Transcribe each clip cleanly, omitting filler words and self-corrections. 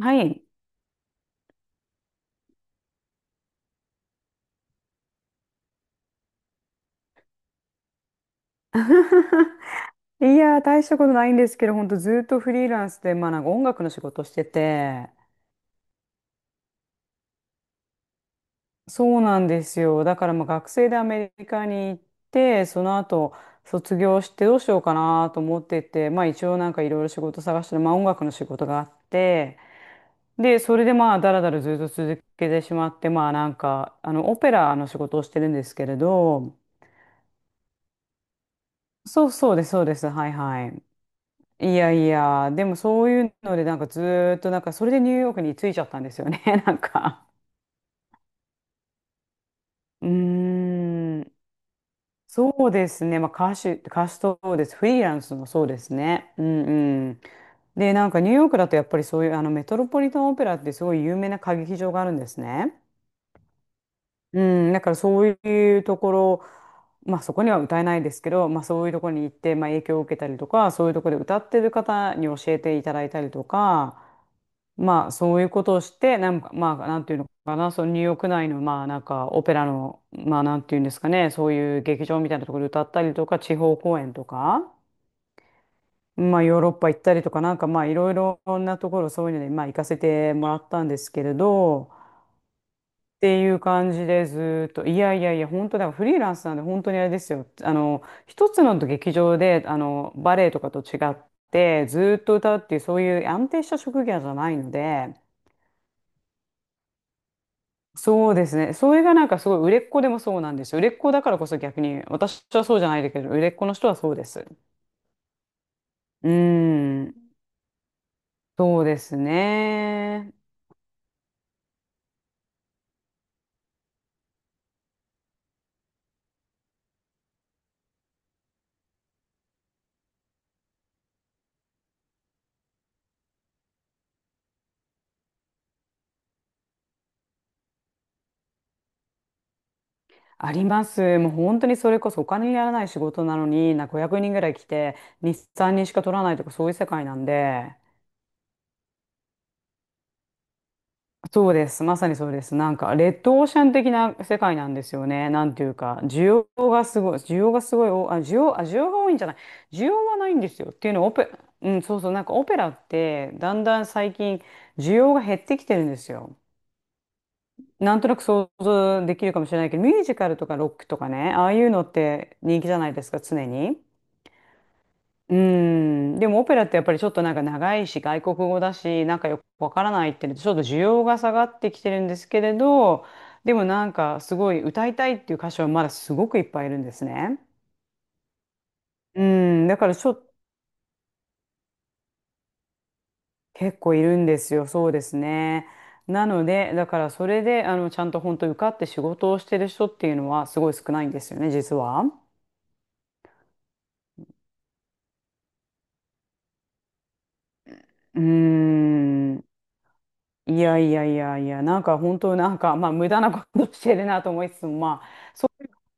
はい。いやー、大したことないんですけど、本当ずっとフリーランスで、まあなんか音楽の仕事してて、そうなんですよ。だからまあ学生でアメリカに行って、その後卒業してどうしようかなと思ってて、まあ一応なんかいろいろ仕事探してる、まあ音楽の仕事があって、で、それでまあだらだらずっと続けてしまって、まあなんか、あの、オペラの仕事をしてるんですけれど、そうそうです、そうです。はいはい。いやいや、でもそういうので、なんかずーっと、なんかそれでニューヨークに着いちゃったんですよね、なんか。うーん、そうですね、まあ歌手、歌手そうです、フリーランスもそうですね。うんうん。で、なんかニューヨークだとやっぱりそういうあのメトロポリタンオペラってすごい有名な歌劇場があるんですね。うん、だからそういうところ、まあそこには歌えないですけど、まあそういうところに行って、まあ影響を受けたりとか、そういうところで歌ってる方に教えていただいたりとか、まあそういうことをして、なんか、まあなんていうのかな、そのニューヨーク内の、まあなんかオペラの、まあなんていうんですかね、そういう劇場みたいなところで歌ったりとか、地方公演とか、まあヨーロッパ行ったりとか、なんかまあいろいろなところそういうので、まあ行かせてもらったんですけれど、っていう感じでずーっと、いやいやいや、本当だ、フリーランスなんで本当にあれですよ。あの、一つの劇場で、あの、バレエとかと違って、ずーっと歌うっていう、そういう安定した職業じゃないので、そうですね。それがなんかすごい売れっ子でもそうなんですよ。売れっ子だからこそ逆に、私はそうじゃないけど、売れっ子の人はそうです。うーん、そうですね。あります。もう本当にそれこそお金にならない仕事なのに、なんか0 0人ぐらい来て、日産にんしか取らないとかそういう世界なんで。そうです。まさにそうです。なんか、レッドオーシャン的な世界なんですよね。なんていうか、需要がすごい、需要がすごい、需要が多いんじゃない。需要はないんですよ。っていうのは、うん、そうそう、なんかオペラって、だんだん最近、需要が減ってきてるんですよ。なんとなく想像できるかもしれないけど、ミュージカルとかロックとかね、ああいうのって人気じゃないですか、常に。うん、でもオペラってやっぱりちょっとなんか長いし外国語だしなんかよくわからないっていうのでちょっと需要が下がってきてるんですけれど、でもなんかすごい歌いたいっていう歌手はまだすごくいっぱいいるんですね。うん、だからちょっと結構いるんですよ、そうですね。なので、だからそれで、あの、ちゃんと本当受かって仕事をしてる人っていうのはすごい少ないんですよね、実は。うーん。いやいやいやいや、なんか本当なんか、まあ無駄なことしてるなと思いつつも、まあ、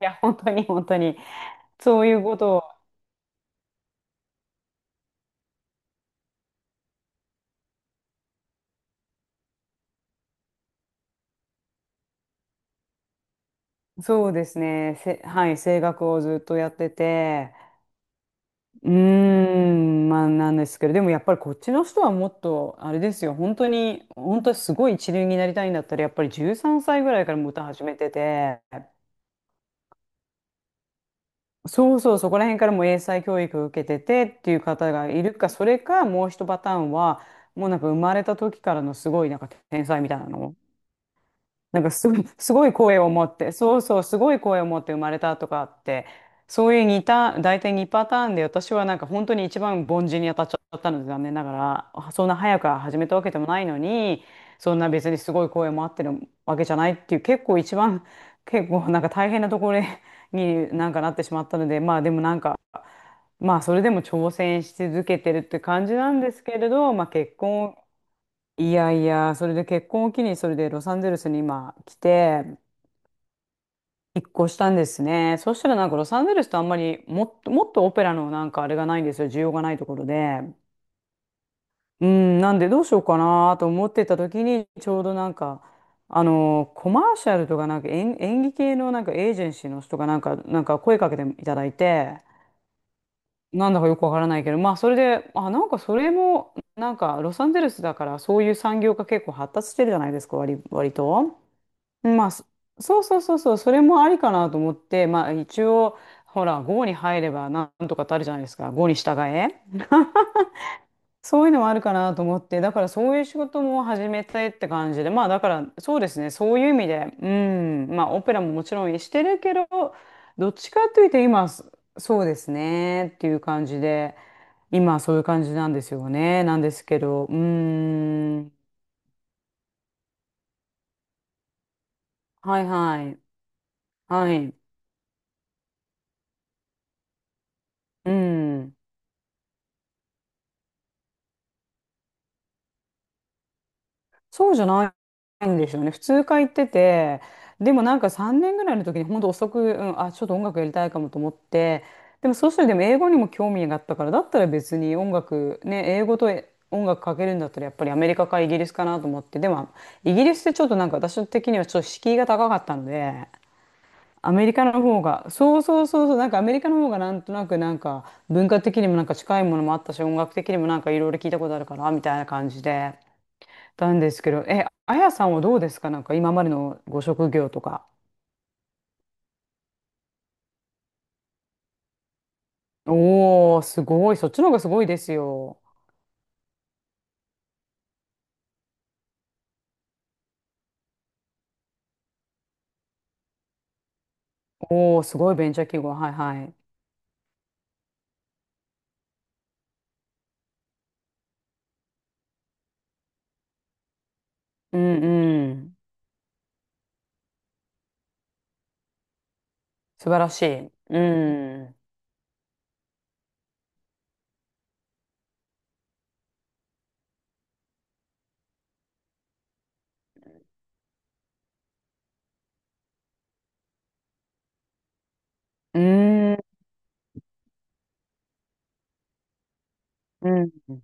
いや、本当に本当に。そういうことを、そうですね。はい、声楽をずっとやってて、うーん、まあなんですけど、でもやっぱりこっちの人はもっと、あれですよ、本当に、本当にすごい一流になりたいんだったら、やっぱり13歳ぐらいからもう歌始めてて、そうそう、そこら辺からもう英才教育を受けててっていう方がいるか、それかもう一パターンは、もうなんか生まれた時からのすごいなんか天才みたいなの。なんかすごい、すごい声を持って、そうそう、すごい声を持って生まれたとかって、そういう似た、大体2パターンで、私はなんか本当に一番凡人に当たっちゃったので、残念ながら、あ、そんな早く始めたわけでもないのに、そんな別にすごい声もあってるわけじゃないっていう、結構一番、結構なんか大変なところになんかなってしまったので、まあでもなんか、まあそれでも挑戦し続けてるって感じなんですけれど、まあ結婚、いやいや、それで結婚を機に、それでロサンゼルスに今来て、一個したんですね。そしたらなんかロサンゼルスとあんまりもっと、もっとオペラのなんかあれがないんですよ。需要がないところで。うん、なんでどうしようかなと思ってた時にちょうどなんか、あのコマーシャルとかなんか演技系のなんかエージェンシーの人がなんか、なんか声かけていただいて、なんだかよくわからないけど、まあそれで、あ、なんかそれも、なんかロサンゼルスだからそういう産業が結構発達してるじゃないですか、割と。まあ、そうそうそうそう、それもありかなと思って、まあ一応、ほら、5に入ればなんとかってあるじゃないですか、5に従え。そういうのもあるかなと思って、だからそういう仕事も始めたいって感じで、まあだからそうですね、そういう意味で、うん、まあオペラももちろんしてるけど、どっちかというと今、そうですねっていう感じで、今そういう感じなんですよね、なんですけど、うん、はいはい、はい、うん。そうじゃないんですよね。普通科行ってて、でもなんか3年ぐらいの時に本当遅く、うん、あ、ちょっと音楽やりたいかもと思って、でもそうしたらでも英語にも興味があったから、だったら別に音楽、ね、英語と音楽かけるんだったらやっぱりアメリカかイギリスかなと思って、でもイギリスってちょっとなんか私的にはちょっと敷居が高かったので、アメリカの方が、そうそうそうそう、なんかアメリカの方がなんとなくなんか文化的にもなんか近いものもあったし、音楽的にもなんかいろいろ聞いたことあるから、みたいな感じで。たんですけど、え、あやさんはどうですか、なんか今までのご職業とか。おー、すごい。そっちの方がすごいですよ。おー、すごいベンチャー企業。はいはい。うんうん。素晴らしい。うん。うーん。うん。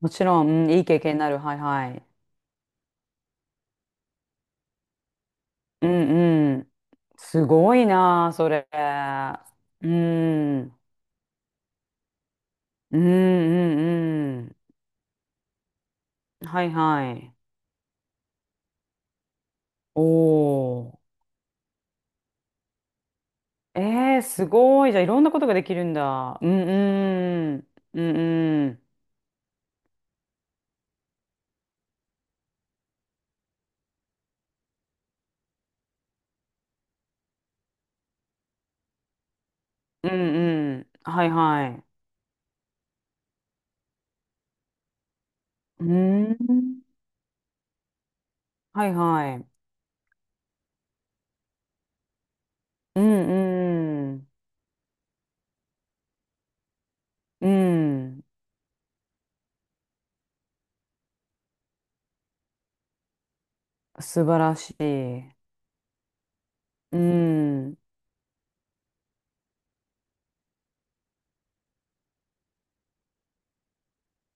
もちろん、うん、いい経験になる。はいはい。うんうん。すごいなあ、それ。うん。うんうんうん。はいはい。おー。えー、すごい。じゃあ、いろんなことができるんだ。うんうん。うんうん。うんうん。はいはい。うん。はいはい。うんうん。うん。素晴らしい。うん。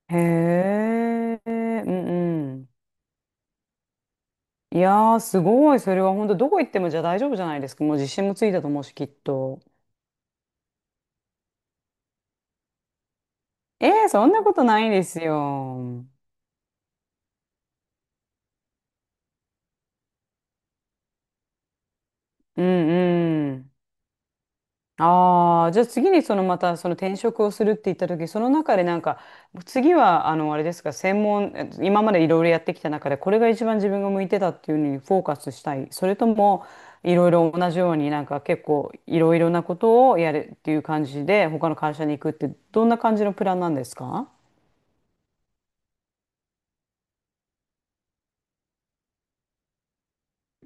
へえ。うんうん。いやー、すごい。それは本当どこ行ってもじゃあ大丈夫じゃないですか。もう自信もついたと思うし、きっと。えー、そんなことないですよ。うんうん。ああ、じゃあ次にそのまたその転職をするって言った時、その中でなんか、次はあの、あれですか、専門、え今までいろいろやってきた中で、これが一番自分が向いてたっていうのにフォーカスしたい。それとも、いろいろ同じようになんか結構いろいろなことをやるっていう感じで、他の会社に行くって、どんな感じのプランなんですか？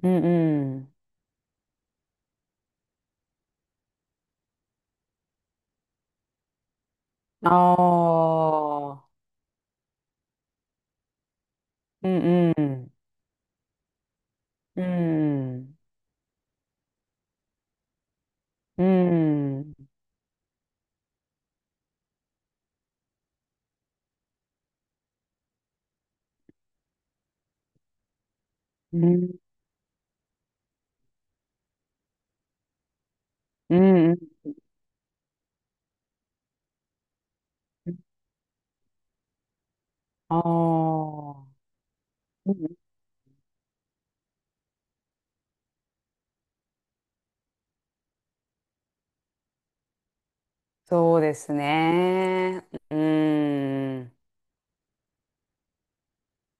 うんうん。ああ、うんうん。うん。うん。うん。うん。ああ。うん、そうですね。うーん。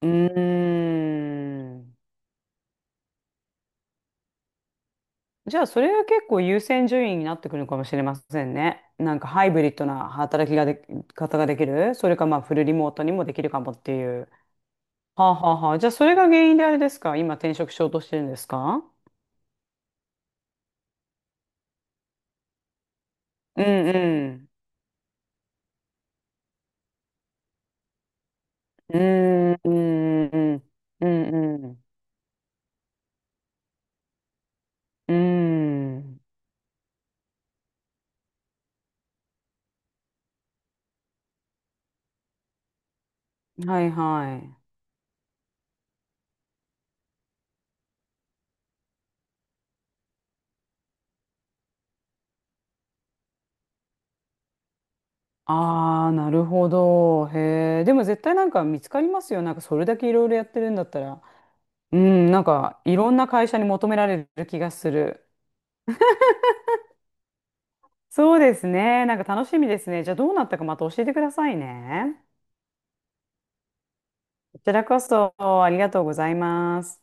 うーん。じゃあ、それは結構優先順位になってくるのかもしれませんね。なんかハイブリッドな働きがで、方ができる。それかまあフルリモートにもできるかもっていう。はあ、はあはあ、じゃあ、それが原因であれですか今転職しようとしてるんですか？うんうん。うん。うんうん。うんうんうん。うんはいはい。ああ、なるほど。へえ。でも絶対なんか見つかりますよ。なんかそれだけいろいろやってるんだったら。うん、なんかいろんな会社に求められる気がする。そうですね。なんか楽しみですね。じゃあどうなったかまた教えてくださいね。こちらこそありがとうございます。